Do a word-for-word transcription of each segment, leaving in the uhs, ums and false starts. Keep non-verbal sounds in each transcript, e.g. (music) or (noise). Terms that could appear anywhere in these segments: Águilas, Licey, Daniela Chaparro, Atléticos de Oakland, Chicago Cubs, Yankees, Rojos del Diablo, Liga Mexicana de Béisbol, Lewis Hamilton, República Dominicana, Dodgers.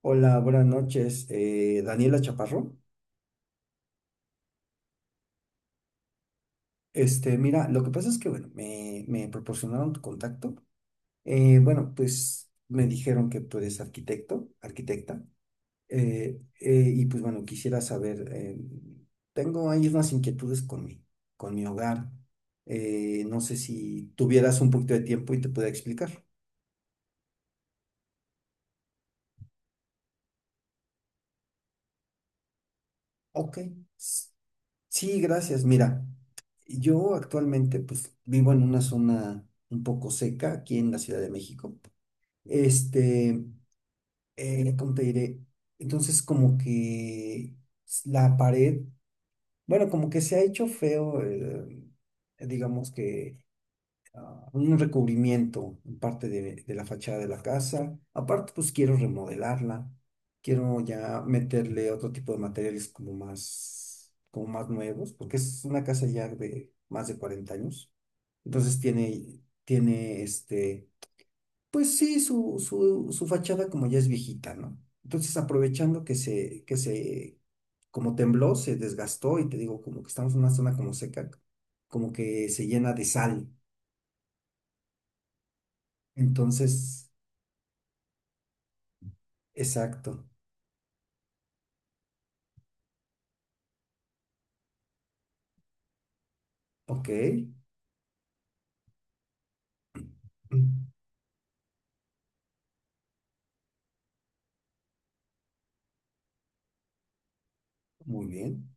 Hola, buenas noches, eh, Daniela Chaparro. Este, mira, lo que pasa es que, bueno, me, me proporcionaron tu contacto. Eh, bueno, pues me dijeron que tú eres arquitecto, arquitecta, eh, eh, y pues bueno, quisiera saber, eh, tengo ahí unas inquietudes con mi, con mi hogar. Eh, no sé si tuvieras un poquito de tiempo y te pueda explicar. Ok. Sí, gracias. Mira, yo actualmente pues vivo en una zona un poco seca aquí en la Ciudad de México. Este, eh, ¿cómo te diré? Entonces como que s- la pared, bueno, como que se ha hecho feo, eh, digamos que ah, un recubrimiento en parte de, de la fachada de la casa. Aparte, pues quiero remodelarla, quiero ya meterle otro tipo de materiales como más, como más nuevos, porque es una casa ya de más de cuarenta años. Entonces tiene, tiene este, pues sí, su, su, su fachada como ya es viejita, ¿no? Entonces aprovechando que se, que se, como tembló, se desgastó y te digo, como que estamos en una zona como seca, como que se llena de sal. Entonces, exacto. Ok. Mm. Muy bien.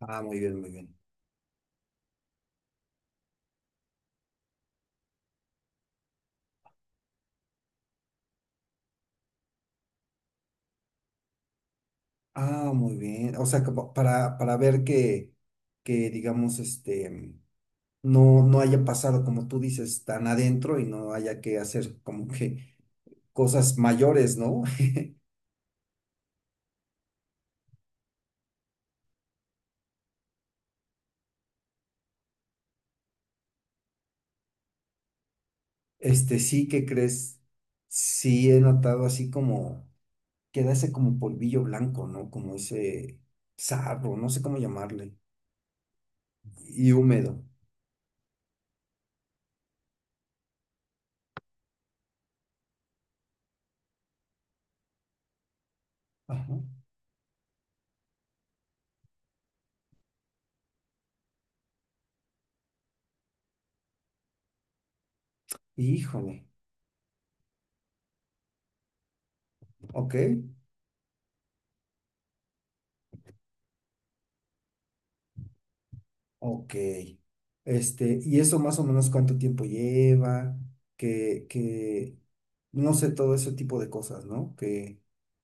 Ah, muy bien, muy bien. Ah, muy bien. O sea, como para, para ver que, que digamos, este, no, no haya pasado, como tú dices, tan adentro y no haya que hacer como que cosas mayores, ¿no? (laughs) Este, sí que crees, sí he notado así como, queda ese como polvillo blanco, ¿no? Como ese sarro, no sé cómo llamarle, y húmedo. Ajá. Híjole. Ok, ok. Este, y eso más o menos cuánto tiempo lleva, que, que, no sé, todo ese tipo de cosas, ¿no? Que,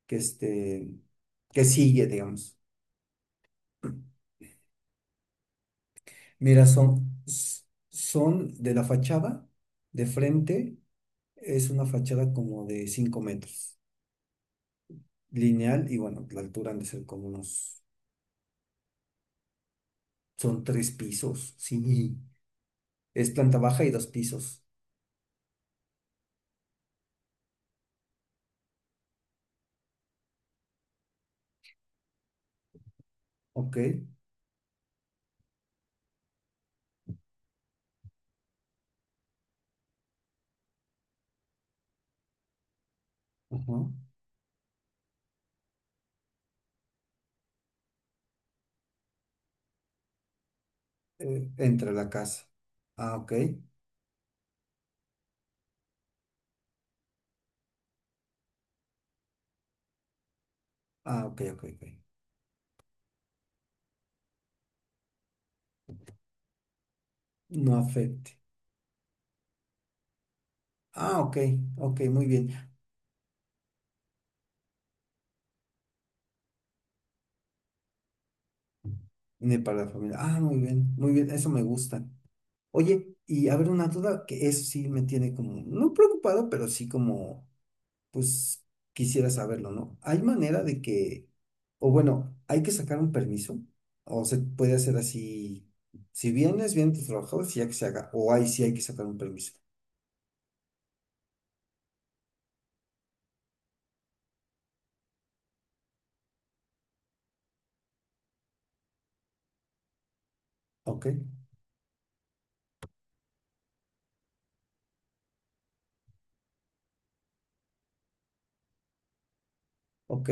que este, que sigue, digamos. Mira, son, s- son de la fachada, de frente, es una fachada como de cinco metros, lineal, y bueno, la altura han de ser como unos, son tres pisos, sí, es planta baja y dos pisos, ok, ajá, eh, entra a la casa. Ah, ok. Ah, ok, ok, ok. No afecte. Ah, ok, ok, muy bien. Viene para la familia. Ah, muy bien, muy bien, eso me gusta. Oye, y a ver, una duda que eso sí me tiene como, no preocupado, pero sí como, pues quisiera saberlo, ¿no? ¿Hay manera de que, o bueno, hay que sacar un permiso? ¿O se puede hacer así? Si vienes, vienen tus trabajadores y ya que se haga. O hay, sí hay que sacar un permiso. Ok, ok.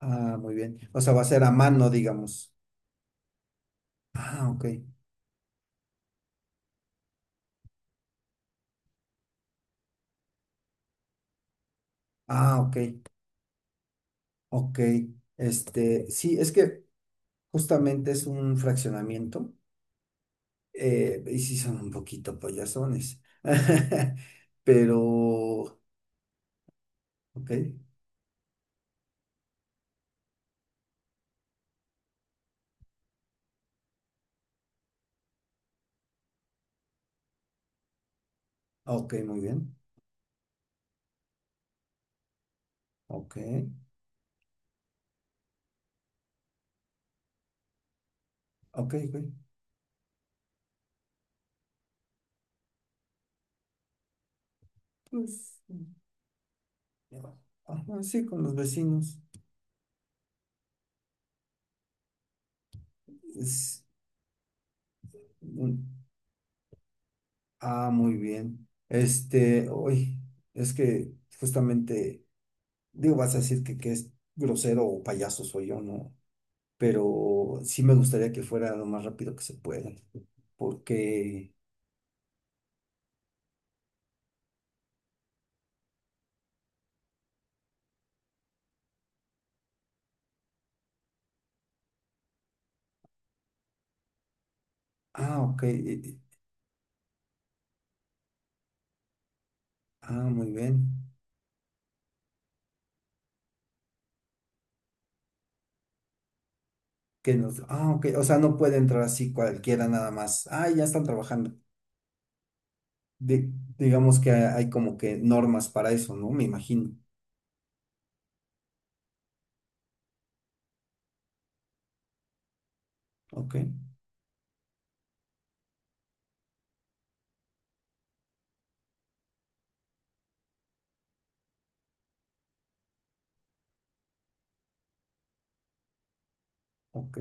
Ah, muy bien. O sea, va a ser a mano, digamos. Ah, ok. Ah, ok. Ok. Este, sí, es que justamente es un fraccionamiento. Eh, y sí son un poquito payasones. (laughs) Pero, ok. Ok, muy bien. Ok. Ok, ok. Pues, ajá, sí, con los vecinos. Es un- ah, muy bien. Este, hoy, es que justamente. Digo, vas a decir que, que es grosero o payaso soy yo, ¿no? Pero sí me gustaría que fuera lo más rápido que se pueda. Porque, ah, ok, eh, eh, ah, muy bien. Que nos, ah, ok, o sea, no puede entrar así cualquiera nada más. Ah, ya están trabajando. Di- digamos que hay como que normas para eso, ¿no? Me imagino. Ok, ok,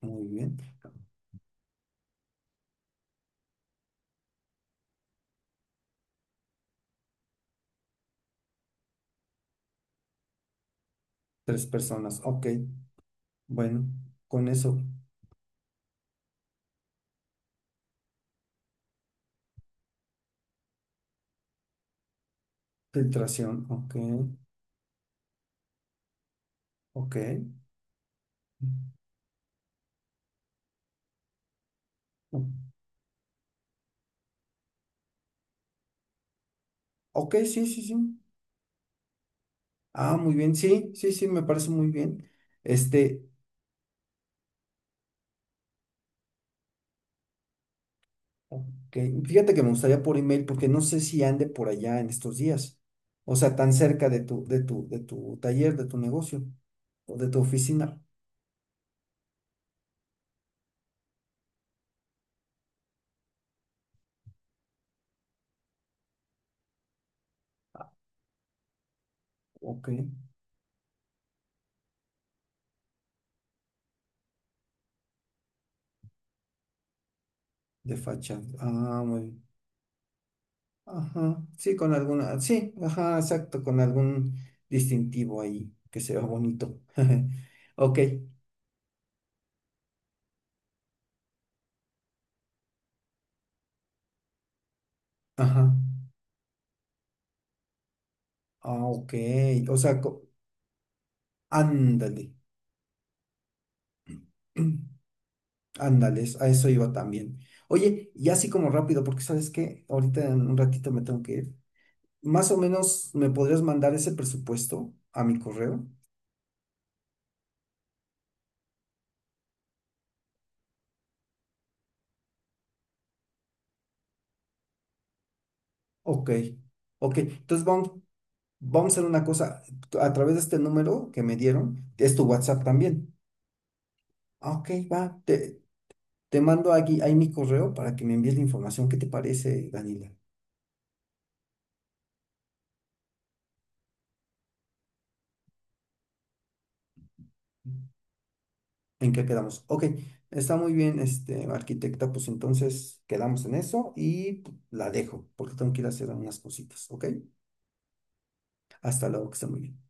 muy bien. Tres personas, ok, bueno, con eso, filtración, ok, ok. O- Ok, sí, sí, sí. Ah, muy bien, sí, sí, sí, me parece muy bien. Este, ok, fíjate que me gustaría por email porque no sé si ande por allá en estos días, o sea, tan cerca de tu, de tu, de tu taller, de tu negocio, o de tu oficina, ok, de fachada. Ah, muy bien. Ajá, sí, con alguna, sí, ajá, exacto, con algún distintivo ahí que se vea bonito. (laughs) Ok, ajá, ah, ok, o sea, co- ándale. (clears throat) Ándales, a eso iba también. Oye, y así como rápido, porque sabes que ahorita en un ratito me tengo que ir. Más o menos, ¿me podrías mandar ese presupuesto a mi correo? Ok, ok. Entonces vamos, vamos a hacer una cosa. A través de este número que me dieron, es tu WhatsApp también. Ah, ok, va. Te, te mando aquí, ahí mi correo para que me envíes la información. ¿Qué te parece, Daniela? ¿En qué quedamos? Ok, está muy bien, este, arquitecta, pues entonces quedamos en eso y la dejo, porque tengo que ir a hacer unas cositas, ¿ok? Hasta luego, que esté muy bien.